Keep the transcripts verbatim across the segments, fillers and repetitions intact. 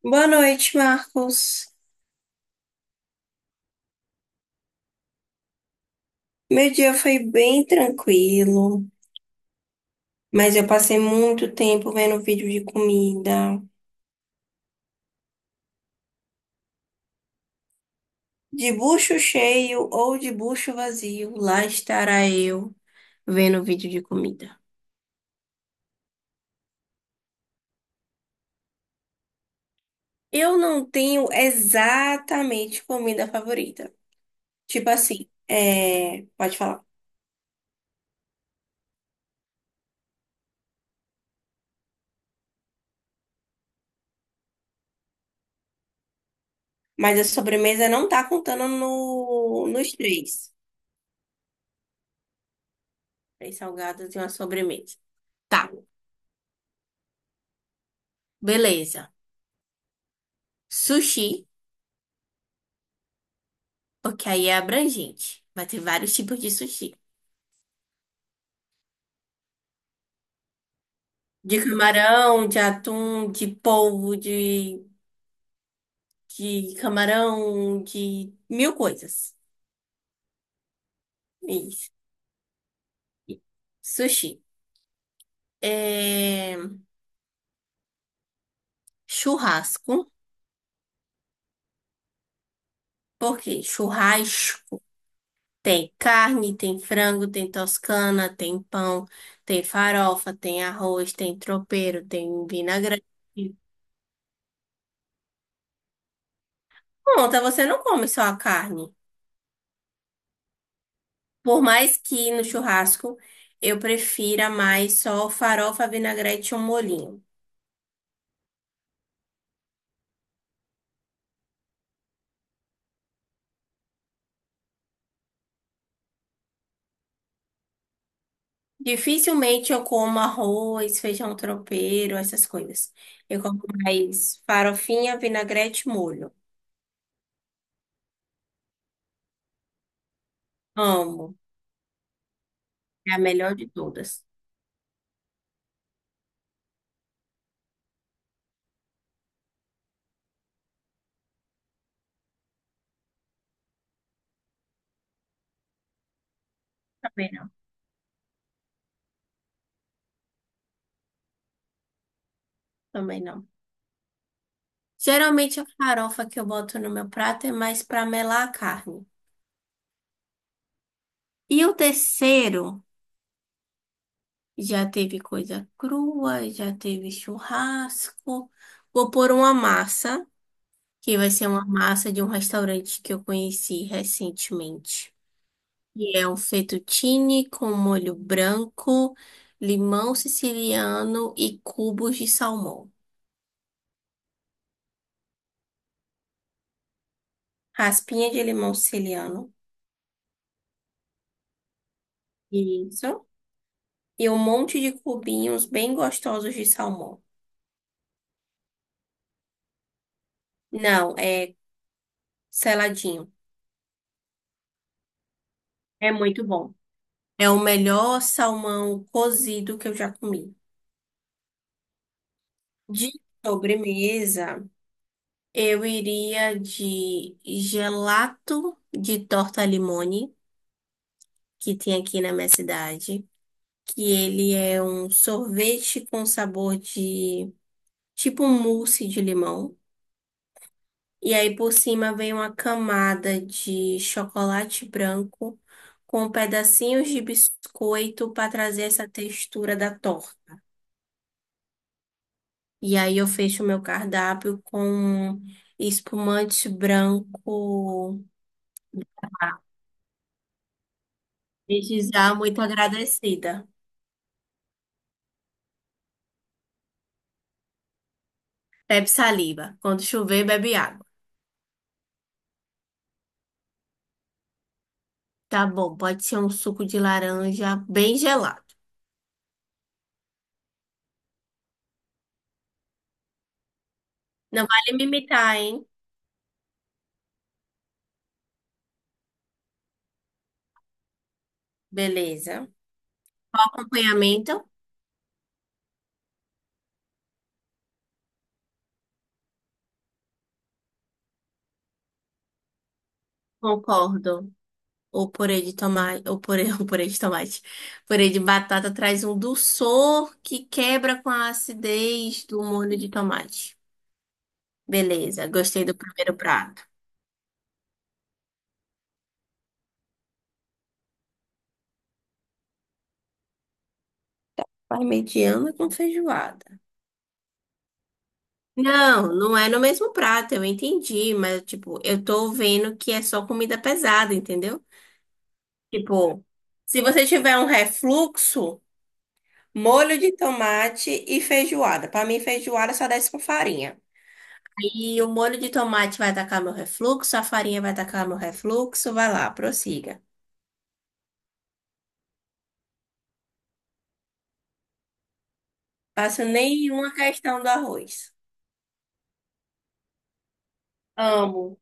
Boa noite, Marcos. Meu dia foi bem tranquilo, mas eu passei muito tempo vendo vídeo de comida. De bucho cheio ou de bucho vazio, lá estará eu vendo vídeo de comida. Eu não tenho exatamente comida favorita. Tipo assim, é... pode falar. Mas a sobremesa não tá contando no... nos três. Três salgados e uma sobremesa. Tá, beleza. Sushi. O que aí é abrangente. Vai ter vários tipos de sushi. De camarão, de atum, de polvo, de, de camarão, de mil coisas. Isso. Sushi. É... Churrasco. Por quê? Churrasco. Tem carne, tem frango, tem toscana, tem pão, tem farofa, tem arroz, tem tropeiro, tem vinagrete. Conta, você não come só a carne. Por mais que no churrasco eu prefira mais só farofa, vinagrete ou molhinho. Dificilmente eu como arroz, feijão tropeiro, essas coisas. Eu como mais farofinha, vinagrete e molho. Amo. É a melhor de todas. Também não. Também não. Geralmente a farofa que eu boto no meu prato é mais para melar a carne. E o terceiro já teve coisa crua, já teve churrasco. Vou pôr uma massa, que vai ser uma massa de um restaurante que eu conheci recentemente. E é um fettuccine com molho branco, limão siciliano e cubos de salmão. Raspinha de limão siciliano. Isso. E um monte de cubinhos bem gostosos de salmão. Não, é seladinho. É muito bom. É o melhor salmão cozido que eu já comi. De sobremesa. Eu iria de gelato de torta limone, que tem aqui na minha cidade, que ele é um sorvete com sabor de tipo um mousse de limão. E aí por cima vem uma camada de chocolate branco com pedacinhos de biscoito para trazer essa textura da torta. E aí eu fecho o meu cardápio com espumante branco. Desde já, muito agradecida. Bebe saliva. Quando chover, bebe água. Tá bom, pode ser um suco de laranja bem gelado. Não vale me imitar, hein? Beleza. O acompanhamento? Concordo. O purê de tomate, O purê, o purê de tomate. Purê de batata traz um dulçor que quebra com a acidez do molho de tomate. Beleza, gostei do primeiro prato. Parmegiana com feijoada. Não, não é no mesmo prato, eu entendi, mas tipo, eu tô vendo que é só comida pesada, entendeu? Tipo, se você tiver um refluxo, molho de tomate e feijoada. Pra mim, feijoada só desce com farinha. E o molho de tomate vai atacar meu refluxo, a farinha vai atacar meu refluxo, vai lá, prossiga. Faço nenhuma questão do arroz. Amo.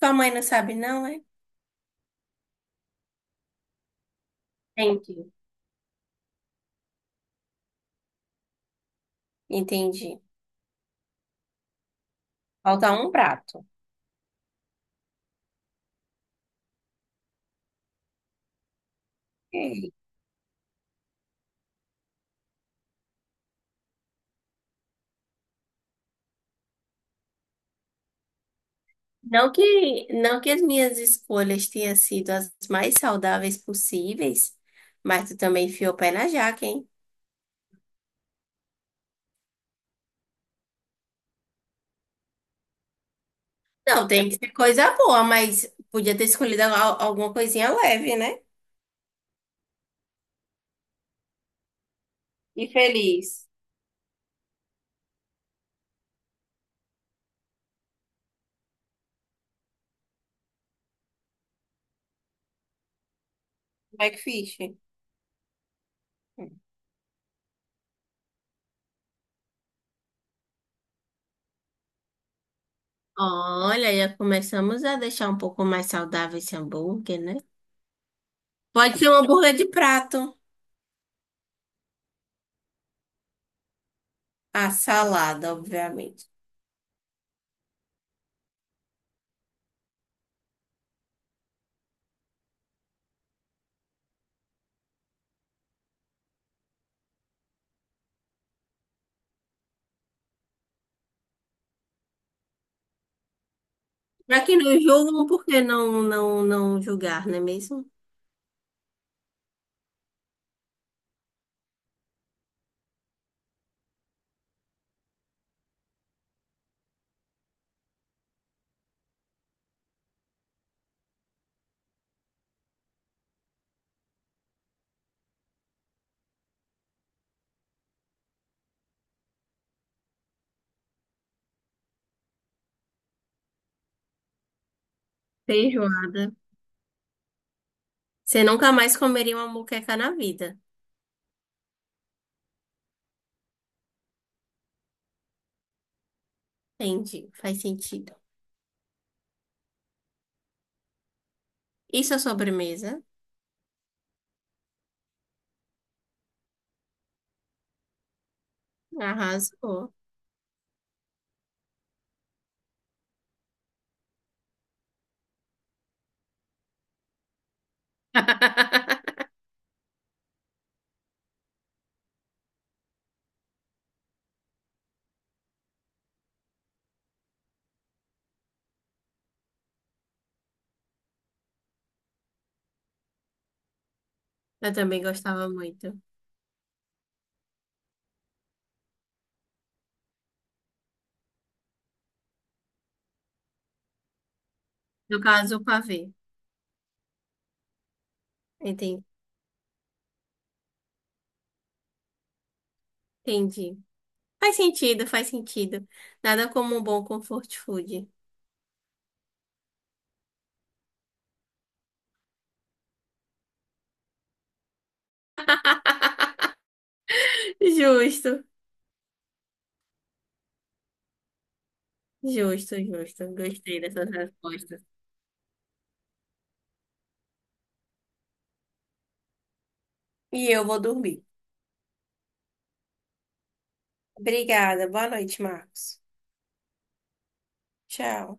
Sua mãe não sabe, não, é? Entendi. Entendi. Falta um prato. Não que, não que as minhas escolhas tenham sido as mais saudáveis possíveis, mas tu também enfiou o pé na jaca, hein? Não, tem que ser coisa boa, mas podia ter escolhido al- alguma coisinha leve, né? E feliz. Backfish. Olha, já começamos a deixar um pouco mais saudável esse hambúrguer, né? Pode ser um hambúrguer de prato. A salada, obviamente. Pra quem não julgam, por que não, não, não julgar, não é mesmo? Feijoada. Você nunca mais comeria uma moqueca na vida. Entendi, faz sentido. Isso é sobremesa? Arrasou. Eu também gostava muito. No caso, o pavê. Enten- Entendi. Faz sentido, faz sentido. Nada como um bom comfort food. Justo, justo, justo. Gostei dessas respostas. E eu vou dormir. Obrigada. Boa noite, Marcos. Tchau.